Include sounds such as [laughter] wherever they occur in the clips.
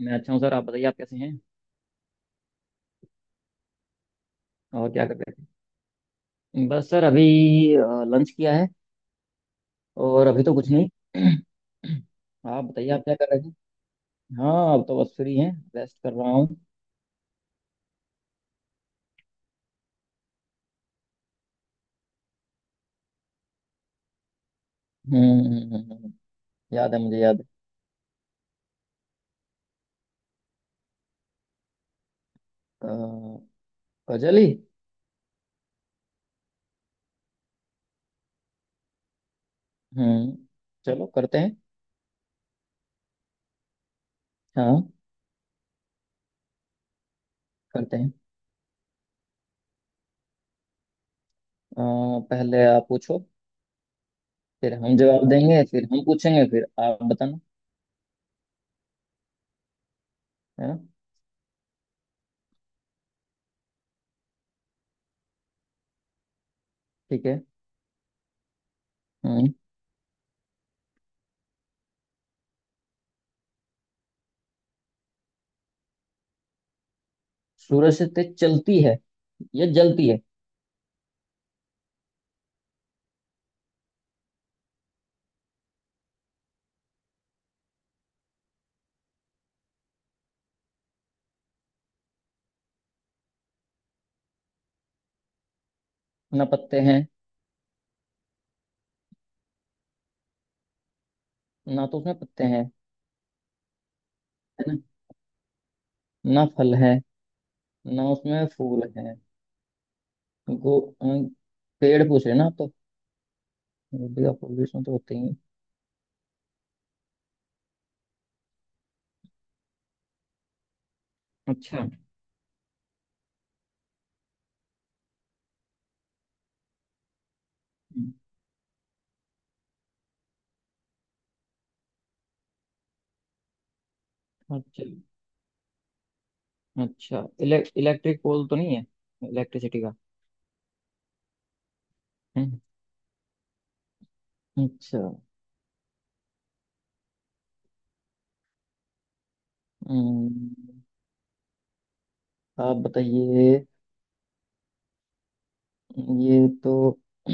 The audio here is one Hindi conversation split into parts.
मैं अच्छा हूँ सर। आप बताइए, आप कैसे हैं? और क्या कर रहे थे? बस सर अभी लंच किया है। और अभी तो कुछ नहीं। [clears throat] आप बताइए, आप क्या कर रहे थे? हाँ, अब तो बस फ्री हैं, रेस्ट कर रहा हूँ। हम्म। याद है, मुझे याद है। अ, गजल ही। हम्म, चलो करते हैं। हाँ, करते हैं। पहले आप पूछो, फिर हम जवाब देंगे, फिर हम पूछेंगे, फिर आप बताना, है ना? ठीक है। हम्म। सूरज से तेज चलती है या जलती है? ना पत्ते हैं, ना तो उसमें पत्ते हैं, न- ना ना फल है, ना उसमें फूल है। गो अ, पेड़ पूछ रहे ना आप तो? गोभी का फूल भी उसमें तो होते ही हैं। अच्छा। हम्म, अच्छा। अच्छा, इलेक्ट्रिक पोल तो नहीं है, इलेक्ट्रिसिटी का? हम्म, अच्छा। हम्म, आप बताइए। ये तो [clears throat]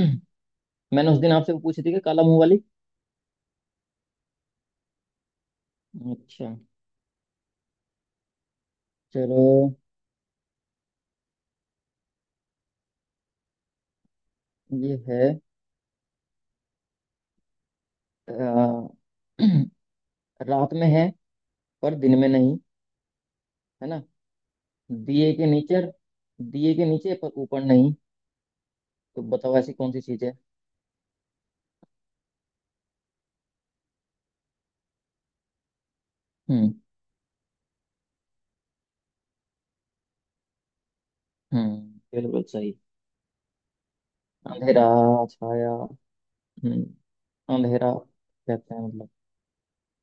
मैंने उस दिन आपसे वो पूछी थी कि काला मुंह वाली। अच्छा, चलो, ये है। अ, [clears throat] रात में है पर दिन में नहीं, है ना, दिए के नीचे, दिए के नीचे पर ऊपर नहीं। तो बताओ, ऐसी कौन सी चीज है? हम्म। हम्म, बिल्कुल सही। अंधेरा छाया। हम्म, अंधेरा कहते हैं मतलब,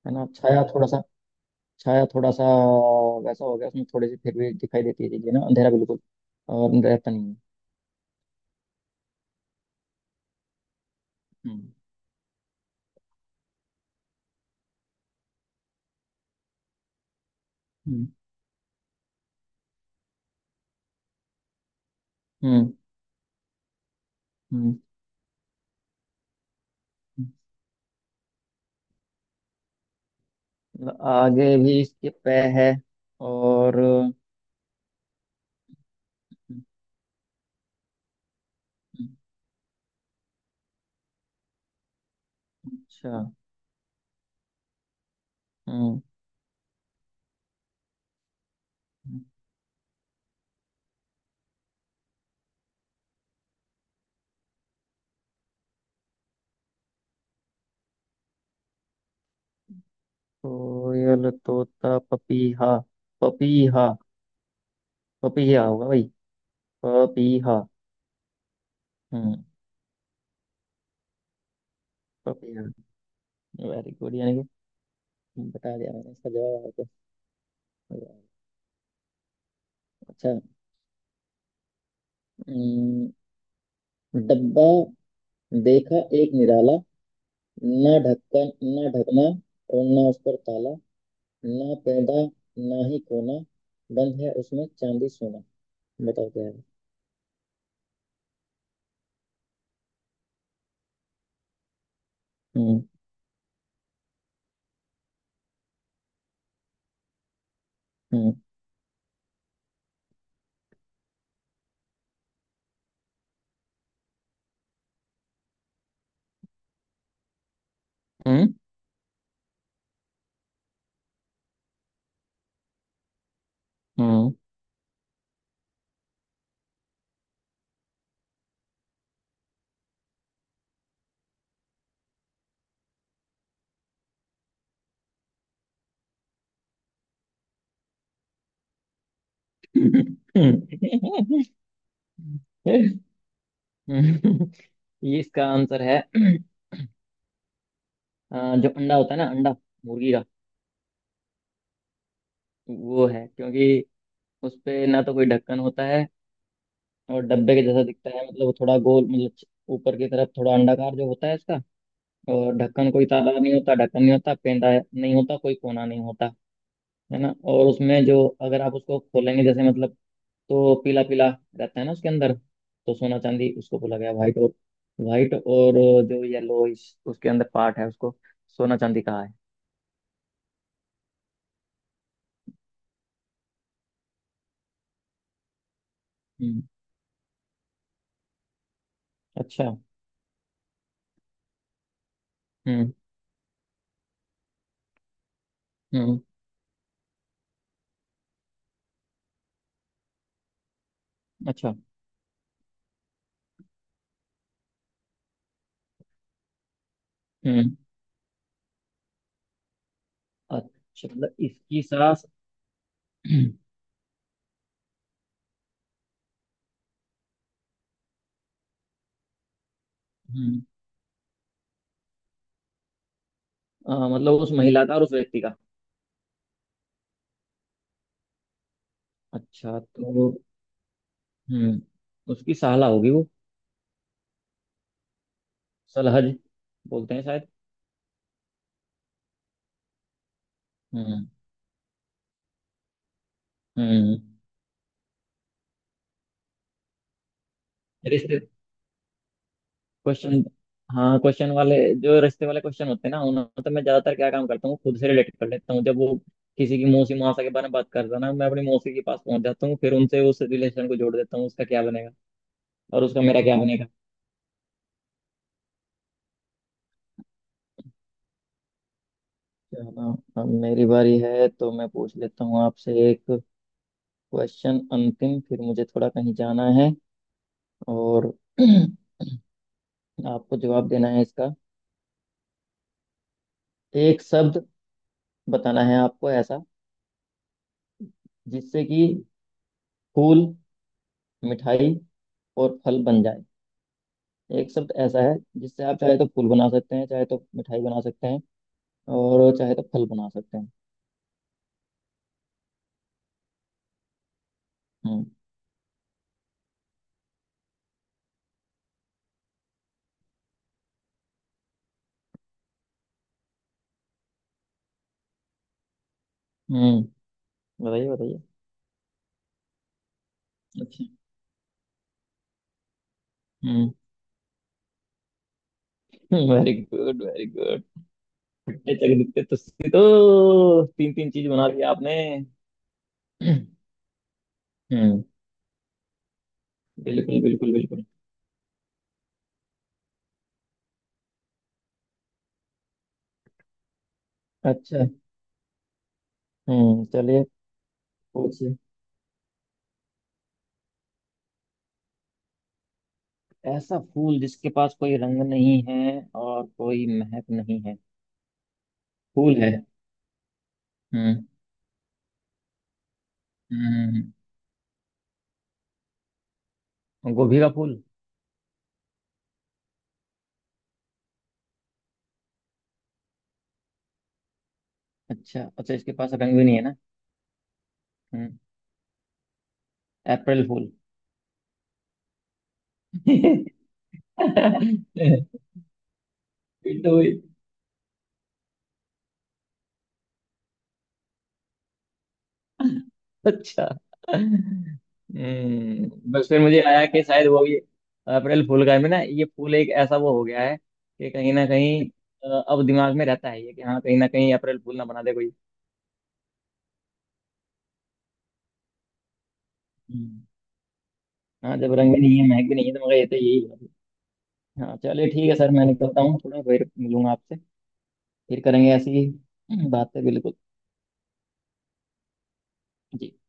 है ना? छाया थोड़ा सा, छाया थोड़ा सा वैसा हो गया, उसमें थोड़ी सी फिर भी दिखाई देती है चीजें ना, अंधेरा बिल्कुल और रहता नहीं है। हम्म। हम्म। हम्म। हम्म, हम्म। मतलब आगे भी इसके पै है और, हम्म, अच्छा, हम्म। कोयल तोता पपीहा, पपीहा। पपीहा होगा भाई। पपीहा। हम्म। पपीहा। वेरी गुड, यानी कि बता दिया मैंने इसका जवाब आपको। अच्छा। हम्म, डब्बा देखा एक निराला, ना ढक्कन ना ढकना, और ना उस पर ताला, ना पैदा ना ही कोना, बंद है उसमें चांदी सोना। बताओ क्या है? हम्म। हम्म। हम्म। हम्म। हम्म। [laughs] ये इसका आंसर है। [clears throat] जो अंडा होता है ना, अंडा मुर्गी का। वो है क्योंकि उस पे ना तो कोई ढक्कन होता है, और डब्बे के जैसा दिखता है, मतलब वो थोड़ा गोल, मतलब ऊपर की तरफ थोड़ा अंडाकार जो होता है इसका। और ढक्कन कोई ताला नहीं होता, ढक्कन नहीं होता, पेंदा नहीं होता, कोई कोना नहीं होता, है ना? और उसमें जो, अगर आप उसको खोलेंगे, जैसे मतलब, तो पीला पीला रहता है ना उसके अंदर। तो सोना चांदी उसको बोला गया। व्हाइट और जो येलो उसके अंदर पार्ट है, उसको सोना चांदी कहा है। हम्म। अच्छा। हम्म। हम्म। अच्छा। हम्म। अच्छा, मतलब इसकी सास? [clears throat] हम्म। मतलब उस महिला का और उस व्यक्ति का? अच्छा तो, हम्म, उसकी साला होगी वो। सलहज बोलते हैं शायद। हम्म। हम्म। रिश्ते क्वेश्चन। हाँ, क्वेश्चन वाले। जो रिश्ते वाले क्वेश्चन होते हैं ना, उन्होंने तो मैं ज्यादातर क्या काम करता हूँ, खुद से रिलेट कर लेता हूँ। जब वो किसी की मौसी मासा के बारे में बात करता है ना, मैं अपनी मौसी के पास पहुंच जाता हूँ, फिर उनसे उस रिलेशन को जोड़ देता हूँ उसका क्या बनेगा और उसका मेरा क्या बनेगा। चलो, अब मेरी बारी है तो मैं पूछ लेता हूँ आपसे एक क्वेश्चन अंतिम, फिर मुझे थोड़ा कहीं जाना है। और [clears throat] आपको जवाब देना है इसका। एक शब्द बताना है आपको ऐसा जिससे कि फूल, मिठाई और फल बन जाए। एक शब्द ऐसा है जिससे आप चाहे तो फूल बना सकते हैं, चाहे तो मिठाई बना सकते हैं, और चाहे तो फल बना सकते हैं। हम्म। हम्म, बताइए बताइए। अच्छा। हम्म। [laughs] Very good very good. ये जगदीप तो इसकी तो तीन तीन चीज बना दिया आपने। हम्म, बिल्कुल बिल्कुल बिल्कुल। अच्छा, हम्म, चलिए। पूछिए। ऐसा फूल जिसके पास कोई रंग नहीं है और कोई महक नहीं है? फूल है। हम्म। हम्म। गोभी का फूल। अच्छा अच्छा, इसके पास रंग भी नहीं है ना? हम्म। अप्रैल फूल। [laughs] ये तो। अच्छा। हम्म, बस फिर मुझे आया कि शायद वो भी अप्रैल फूल का है। मैं ना, ये फूल एक ऐसा वो हो गया है कि कहीं ना कहीं अब दिमाग में रहता है ये कि हाँ, कहीं ना कहीं अप्रैल फूल ना बना दे कोई। हम्म। हाँ, जब रंग भी नहीं है महक भी नहीं है तो, मगर ये तो यही बात है। हाँ चलिए, ठीक है सर, मैं निकलता हूँ थोड़ा, फिर मिलूंगा आपसे। फिर करेंगे ऐसी ही बातें, बिल्कुल। जी।